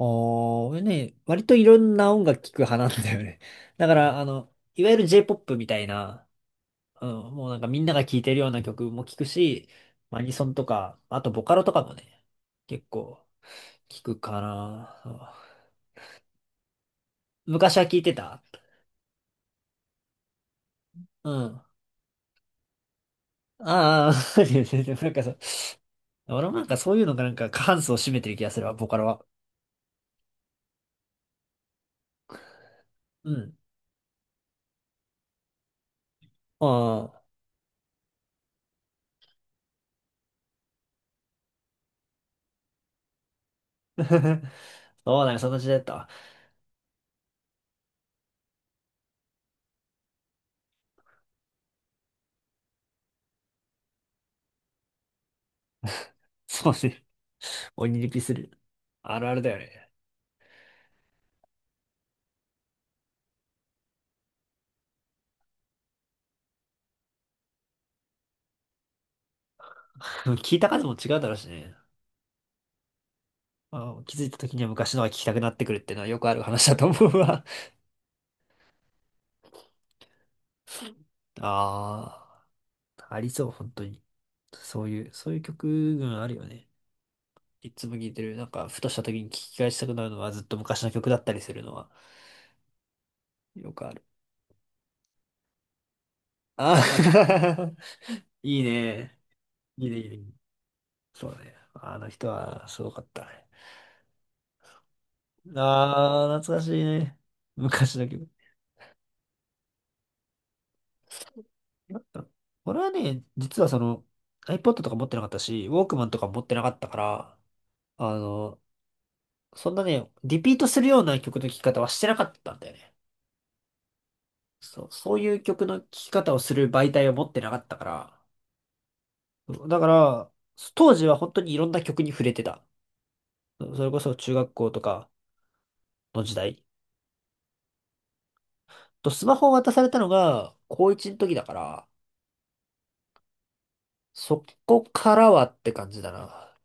おー、ね、割といろんな音楽聴く派なんだよね。だから、いわゆる J-POP みたいな、うん、もうなんかみんなが聴いてるような曲も聴くし、アニソンとか、あとボカロとかもね、結構聴くかな。そう、昔は聴いてた。うん。ああ、なんかそう、俺もなんかそういうのがなんか過半数を占めてる気がするわ、ボカロは。うん。ああ。そうだよ、その時代だったわ。そうね。鬼リピする。あるあるだよね。うん、聞いた数も違うだろうしね。まあー、気づいた時には昔のが聞きたくなってくるっていうのはよくある話だと思うわ。ああ、ありそう、本当に。そういう曲群あるよね。いつも聴いてる、なんか、ふとした時に聞き返したくなるのはずっと昔の曲だったりするのはよくある。ああ。 いいね。いいね、いいね。そうね。あの人はすごかったね。ああ、懐かしいね。昔の曲。なんか俺はね、実はその iPod とか持ってなかったし、ウォークマンとか持ってなかったから、あの、そんなね、リピートするような曲の聴き方はしてなかったんだよね。そう、そういう曲の聴き方をする媒体を持ってなかったから、そうだから、当時は本当にいろんな曲に触れてた。それこそ中学校とかの時代。と、スマホを渡されたのが高1の時だから、そこからはって感じだな。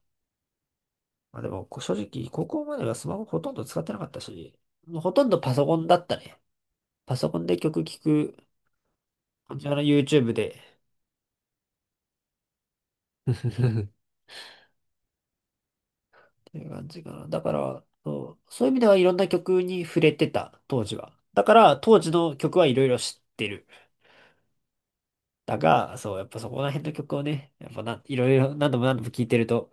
まあでも、正直、高校まではスマホほとんど使ってなかったし、もうほとんどパソコンだったね。パソコンで曲聴く感じ、 YouTube で。っていう感じかな。だから、そう、そういう意味ではいろんな曲に触れてた、当時は。だから、当時の曲はいろいろ知ってる。だが、そう、やっぱそこら辺の曲をね、やっぱな、いろいろ何度も何度も聴いてると、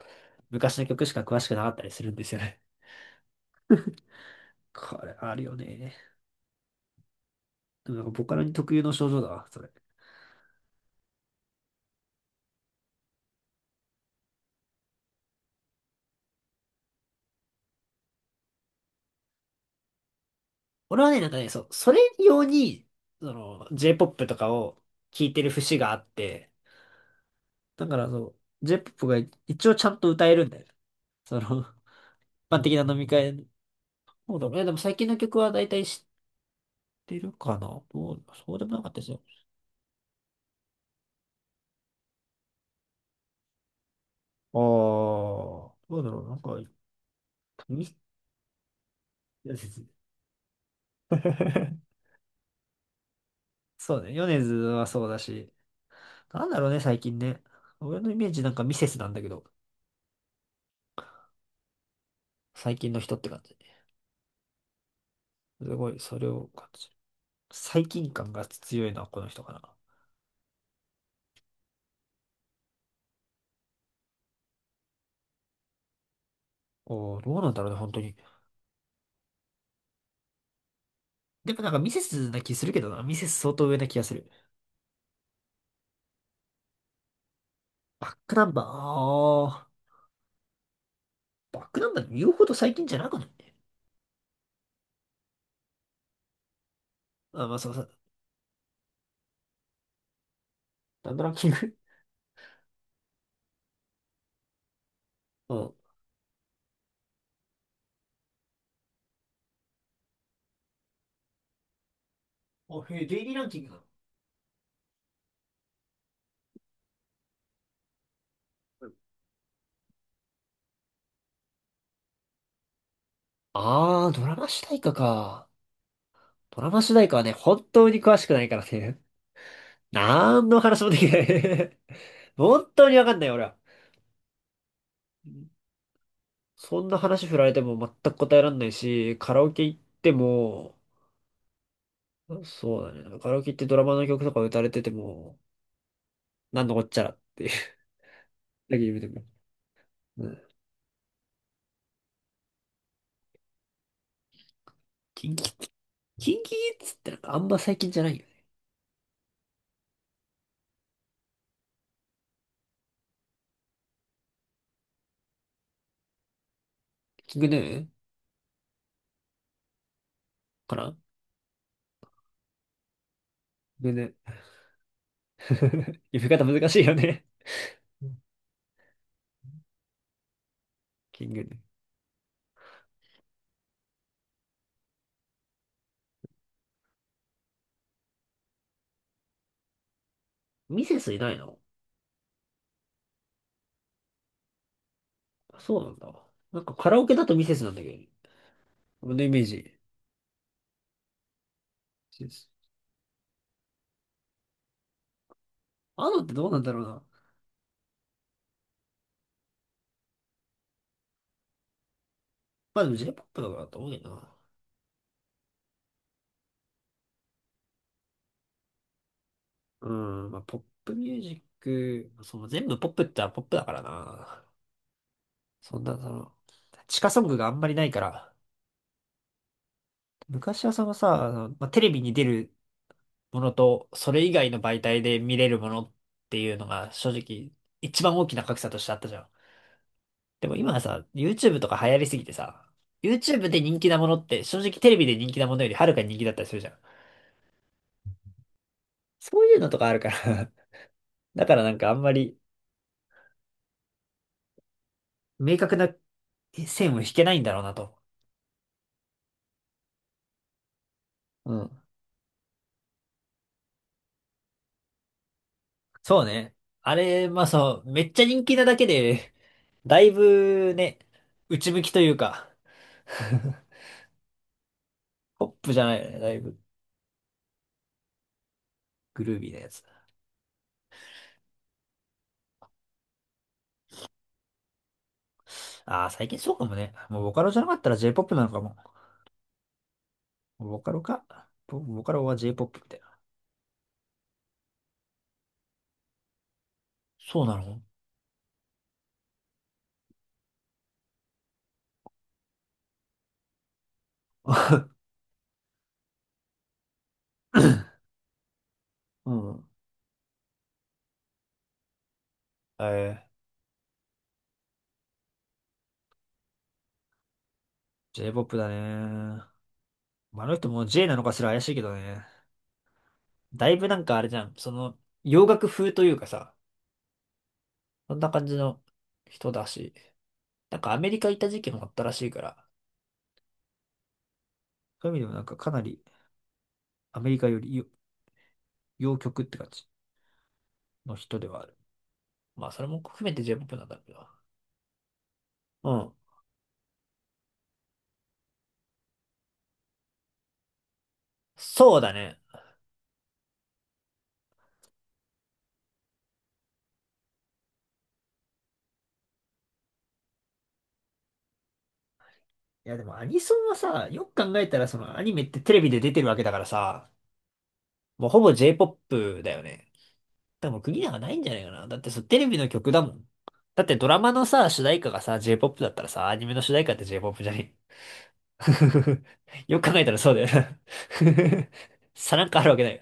昔の曲しか詳しくなかったりするんですよね。これ、あるよね。でもなんかボカロに特有の症状だわ、それ。俺はね、なんかね、そう、それ用に、その、J-POP とかを聴いてる節があって、だからそう、J-POP が一応ちゃんと歌えるんだよね。その、一般的な飲み会の。そうだね、でも最近の曲は大体知ってるかな。どう、そうでもなかったですよ。ああ、どうだろう、なんか、み そうね、米津はそうだし、なんだろうね、最近ね。俺のイメージなんかミセスなんだけど、最近の人って感じ。すごい、それを感じる。最近感が強いのはこの人かな。おー、どうなんだろうね、本当に。でもなんかミセスな気するけどな。ミセス相当上な気がする。バックナンバー、あー。バックナンバーで言うほど最近じゃなくない？あ、まあそうそう。なんのランキング？ うん。お、へえ、デイリーランキングなの？あー、ドラマ主題歌か。ドラマ主題歌はね、本当に詳しくないからね。なんの話もできない。 本当にわかんない、俺は。そんな話振られても全く答えられないし、カラオケ行っても、そうだね。なんかカラオケ行ってドラマの曲とか歌われてても、なんのこっちゃらっていう。 だけ言うても。うん。キンキ、キンキキッズってなんかあんま最近じゃないよね。キングヌーかな、キングヌー。呼び方難しいよね。うん、キングヌー。ミセスいないの？あ、そうなんだ。なんかカラオケだとミセスなんだけど。俺のイメージ。ミセス。あのってどうなんだろうな。まあでも J-POP だからと思うけどな。うん。まあポップミュージック、その全部ポップってはポップだからな。そんな、地下ソングがあんまりないから、昔はそのさ、テレビに出るものと、それ以外の媒体で見れるものっていうのが、正直、一番大きな格差としてあったじゃん。でも今はさ、YouTube とか流行りすぎてさ、YouTube で人気なものって、正直テレビで人気なものよりはるかに人気だったりするじゃん。そういうのとかあるから。 だからなんかあんまり、明確な線を引けないんだろうなと。うん、そうね。あれ、まあそう、めっちゃ人気なだけで、だいぶね、内向きというか、ポップじゃないよね。だいぶグルービーなやつ。ああ、最近そうかもね。もうボカロじゃなかったら j ポップなのかも。ボカロか。ボカロは j ポップみたいな。そうなの？うん。ええ、ジェイポップだね。まああの人も J なのかすら怪しいけどね。だいぶなんかあれじゃん。その、洋楽風というかさ、そんな感じの人だし。なんかアメリカ行った時期もあったらしいから、そういう意味でもなんかかなりアメリカより、洋曲って感じの人ではある。まあ、それも含めて J-POP なんだろうけど。うん。そうだね。いやでもアニソンはさ、よく考えたらそのアニメってテレビで出てるわけだからさ、もうほぼ J-POP だよね。でも国なんかないんじゃないかな。だってそうテレビの曲だもん。だってドラマのさ、主題歌がさ、J-POP だったらさ、アニメの主題歌って J-POP じゃない？ よく考えたらそうだよな。 さなんかあるわけない。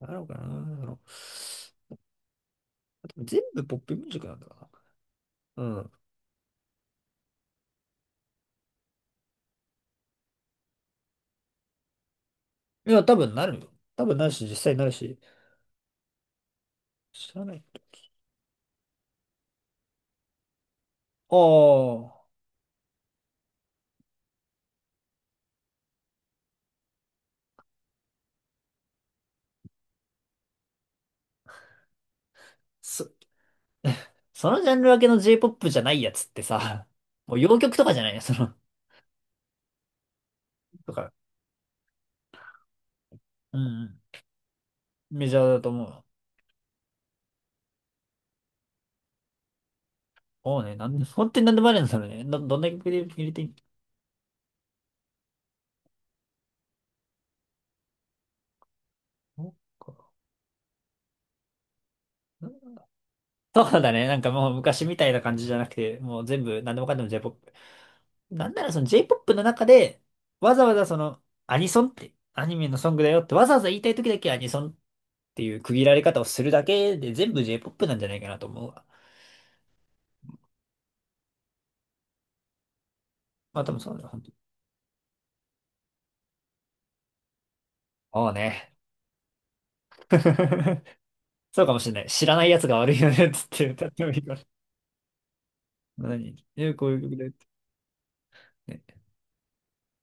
あるのかな。全部ポップミュージックなんだな。うん。いや、多分なるよ。多分なるし、実際なるし。知らないとき。ああ、そ、そのジャンル分けの J-POP じゃないやつってさ、もう洋曲とかじゃないよ、その、とか。うん、うん。メジャーだと思う。もうね、なんで、本当になんでもあるんだろうね。どんな曲で入れていいの？そっか。そうだね。なんかもう昔みたいな感じじゃなくて、もう全部何でもかんでも J-POP。なんならその J-POP の中で、わざわざそのアニソンって、アニメのソングだよってわざわざ言いたい時だけアニソンっていう区切られ方をするだけで全部 J-POP なんじゃないかなと思うわ。まあ多分そうだよ、本当に。そうね。そうかもしれない。知らない奴が悪いよねっつって歌ってもいいから。何、え、こういう曲だよって。ね